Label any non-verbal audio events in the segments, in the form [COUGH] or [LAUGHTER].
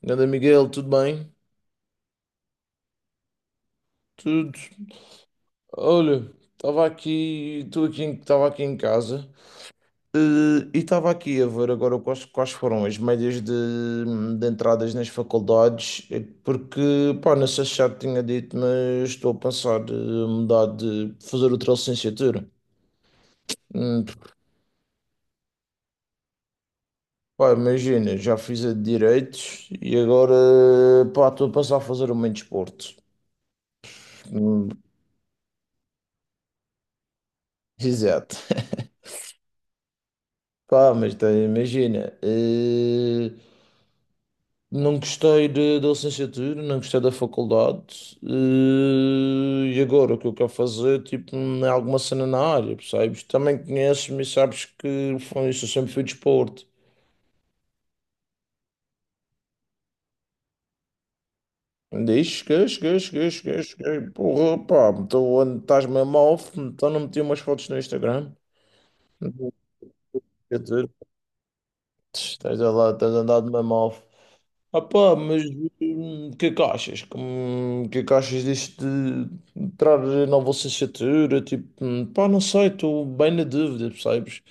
Ganda Miguel, tudo bem? Tudo. Olha, estava aqui em casa, eh, e estava aqui a ver agora quais foram as médias de entradas nas faculdades, porque, pá, não sei se já te tinha dito, mas estou a pensar mudar de fazer outra licenciatura. Hum, Pá, imagina, já fiz a de direitos e agora, pá, estou a pensar a fazer uma em desporto. Hum, Exato. [LAUGHS] Pá, mas tá, imagina. Não gostei da licenciatura, não gostei da faculdade, e agora o que eu quero fazer, tipo, é alguma cena na área, percebes? Também conheces-me e sabes que foi isso, eu sempre fui de esporte. Diz, cheguei, porra, pá, então estás mesmo off, então não meti umas fotos no Instagram. Não tenho licenciatura. Estás a lá, estás andado mesmo off. Ah pá, mas o que é que achas? O que é que achas disto de entrar na licenciatura? Tipo, pá, não sei, estou bem na dúvida, percebes?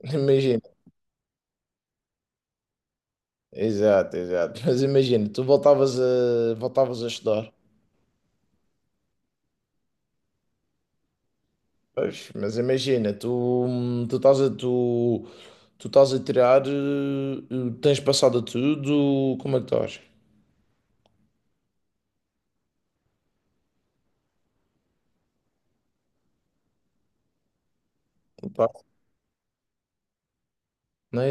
[LAUGHS] Imagina, exato, exato. Mas imagina, tu voltavas a estudar, pois, mas imagina, hum, tu estás a, tu, tu estás a tirar, tens passado a tudo, como é que estás? Pá,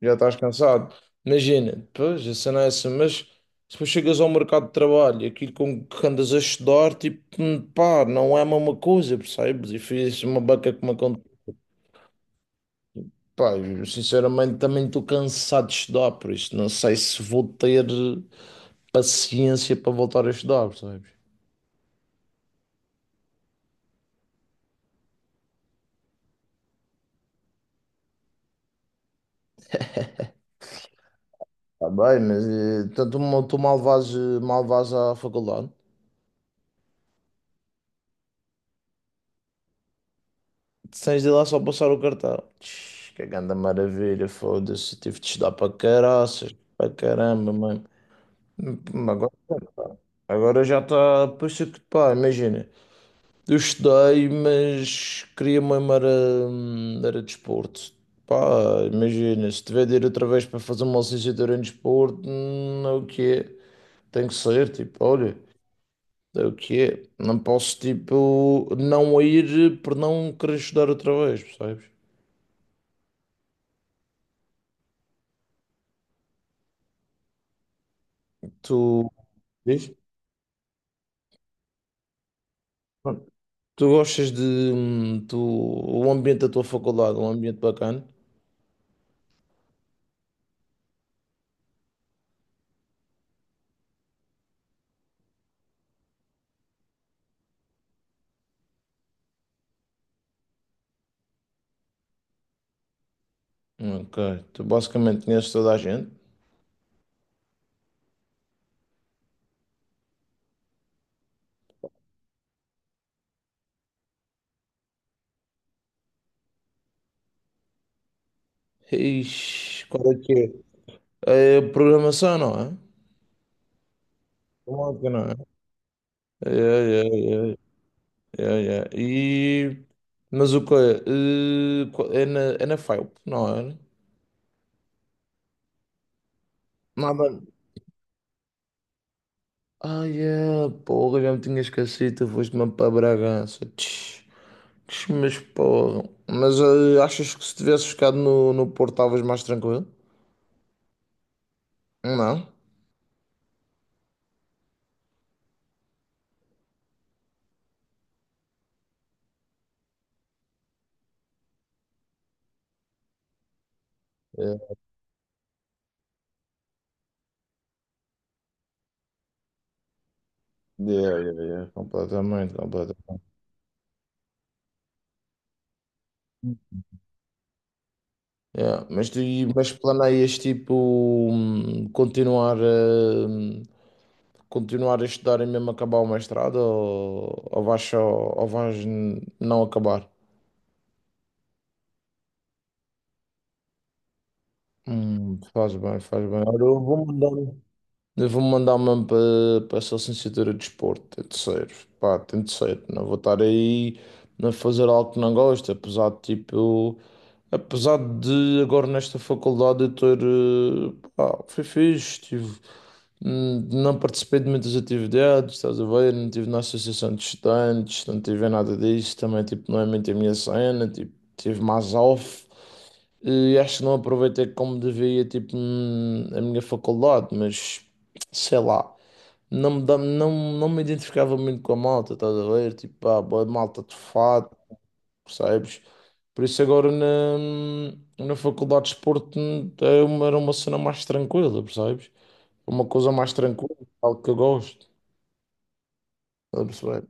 já estás cansado. Imagina, depois a cena é essa, mas depois chegas ao mercado de trabalho, e aquilo com que andas a estudar, tipo, pá, não é a mesma coisa, percebes? E fiz uma beca que me aconteceu. Pá, eu, sinceramente também estou cansado de estudar, por isso não sei se vou ter paciência para voltar a estudar, percebes? Está bem, mas então tu, mal vais à faculdade. Tens de lá só passar o cartão. Tch, que grande maravilha, foda-se. Tive de estudar para caraças, para caramba, mano. Hum, Agora, agora já está. Puxa que pá, imagina. Eu estudei, mas queria mesmo era, era desporto. Pá, imagina, se tiver de ir outra vez para fazer uma licenciatura em desporto, é o que é. Tem que ser, tipo, olha, é o que é. Não posso, tipo, não ir por não querer estudar outra vez, percebes? Tu. Diz? Pronto. Tu gostas de tu, o ambiente da tua faculdade, é um ambiente bacana? Ok. Tu basicamente conheces toda a gente. Ixi, qual é que é? É programação, não é? Informática, não é? É, é, é, é, é. E mas o que é? É na FAUP, não é? Nada. Ai, é, porra, já me tinha esquecido, tu foste-me para Bragança. Tch. Mas porra. Mas achas que se tivesse ficado no Porto estavas mais tranquilo? Não? Yeah, yeah, yeah, yeah, completamente, completamente. Yeah. Mas planeias tipo hum, continuar a, continuar a estudar e mesmo acabar o mestrado ou vais só, não acabar? Faz bem, faz bem. Olha, eu vou mandar. Eu vou mandar mesmo para essa licenciatura de desporto, tem de ser, pá, tem de ser. Não vou estar aí a fazer algo que não gosto, apesar de tipo, apesar de agora nesta faculdade eu ter, pá, foi fixe, tive, não participei de muitas atividades, estás a ver, não estive na associação de estudantes, não tive em nada disso, também tipo, não é muito a minha cena, tipo, tive mais off. E acho que não aproveitei como devia, tipo, a minha faculdade, mas sei lá, não me, dá- não, não me identificava muito com a malta, estás a ver? Tipo, ah, boa malta de fato, percebes? Por isso agora na faculdade de desporto era uma cena mais tranquila, percebes? Uma coisa mais tranquila, algo que eu gosto. Está a perceber?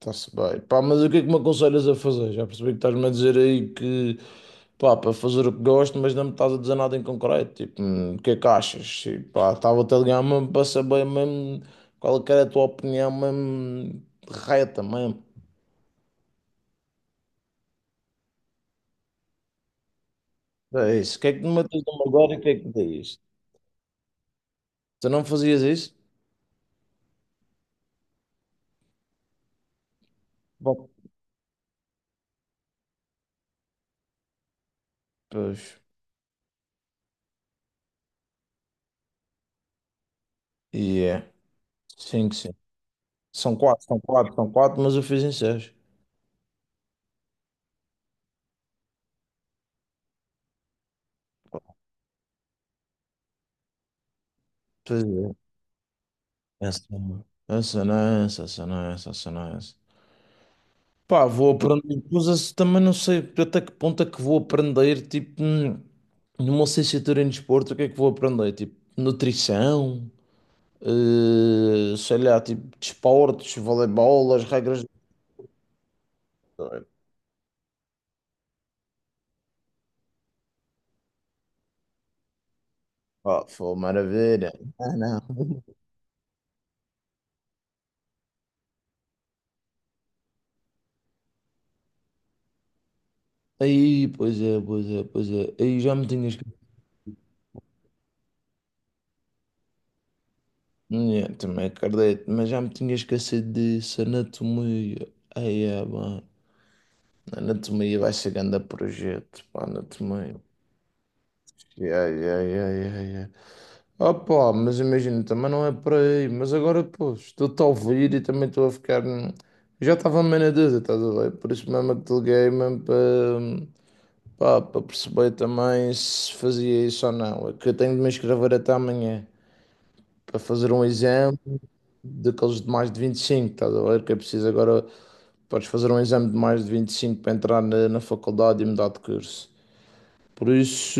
Está-se bem. Pá, mas o que é que me aconselhas a fazer? Já percebi que estás-me a dizer aí que pá, para fazer o que gosto, mas não me estás a dizer nada em concreto. Tipo, o que é que achas? E, pá, estava-te a ligar mesmo para saber mesmo qual é que era a tua opinião mesmo reta mesmo. É isso. O que é que me matas numa agora e o que é que dizes? Tu não fazias isso? Bom, pois. E é. Cinco, sim. São quatro, são quatro, são quatro, mas eu fiz em seis. Pois é. Essa não é essa, não é essa, essa não é essa, essa não é essa. Pá, vou aprender coisas, também não sei até que ponto é que vou aprender, tipo, numa licenciatura em desporto, o que é que vou aprender? Tipo, nutrição, sei lá, tipo, desportos, voleibol, as regras. Pá, foi maravilha. Ah, não. [LAUGHS] Aí, pois é, pois é, pois é. Aí já me tinha esquecido. Yeah, também acredito, mas já me tinha esquecido disso, anatomia. Aí, é, bom. Anatomia vai ser grande projeto, pá, anatomia. Yeah, yeah, yeah, yeah, yeah. Ah, pá, mas imagina, também não é por aí. Mas agora, pô, estou-te a ouvir e também estou a ficar. Já estava meio na dúvida, estás a ver? Por isso mesmo é que te liguei mesmo para perceber também se fazia isso ou não. É que eu tenho de me inscrever até amanhã para fazer um exame daqueles de mais de 25, estás a ver? Que é preciso agora. Podes fazer um exame de mais de 25 para entrar na faculdade e mudar de curso. Por isso,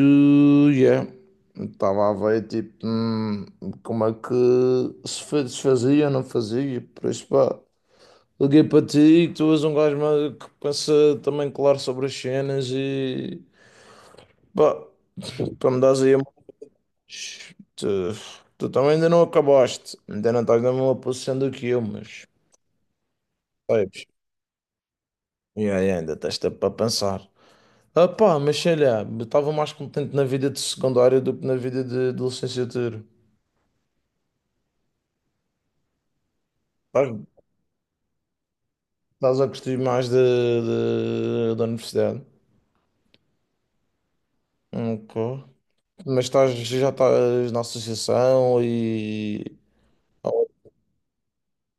yeah, estava a ver tipo como é que se fazia ou não fazia. Por isso, pá, liguei para ti, que tu és um gajo que pensa também claro sobre as cenas e pá, para me dares aí a mais. Tu também ainda não acabaste, ainda não estás na mesma posição do que eu, mas sabes, yeah, yeah, ainda tens tempo para pensar. Ah, pá, mas sei lá, estava mais contente na vida de secundária do que na vida de licenciatura. Pá, estás a curtir mais da universidade. Ok. Mas já estás na associação e. Ou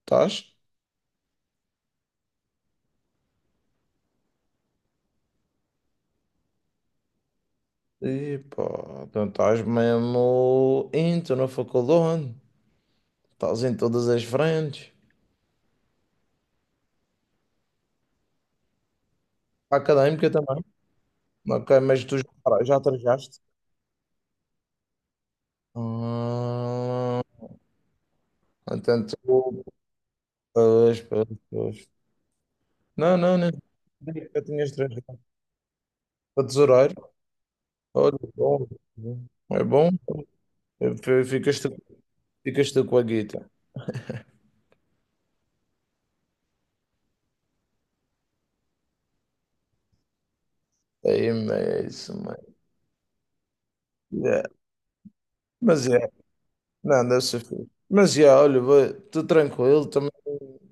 estás? E pá, então estás mesmo into na faculdade. Estás em todas as frentes. Académica também. Ok, mas já trajaste? Ah, então tu. Pois, pois, pois. Não, não, não. Eu tinha trajado. Para tesoureiro. Olha, bom. É bom. Ficas tu, ficas tu com a guita. Aí mesmo, mano. Yeah. Mas é, não, deve ser fixe. Mas é, olha, estou tranquilo também.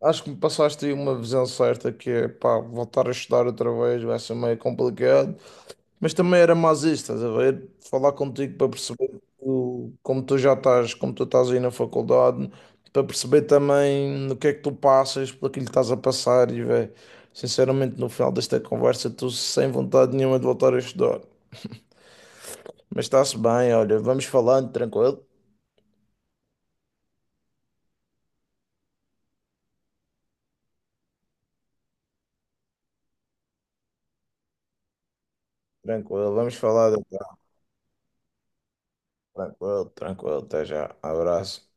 Acho que me passaste aí uma visão certa que é, pá, voltar a estudar outra vez vai ser meio complicado. Mas também era mais isso, estás a ver? Falar contigo para perceber como tu já estás, como tu estás aí na faculdade, para perceber também no que é que tu passas, pelo que lhe estás a passar e, velho, sinceramente, no final desta conversa, estou sem vontade nenhuma de voltar a estudar. Mas está-se bem, olha, vamos falando, tranquilo? Tranquilo, vamos falando então. Tranquilo, tranquilo, até já, abraço.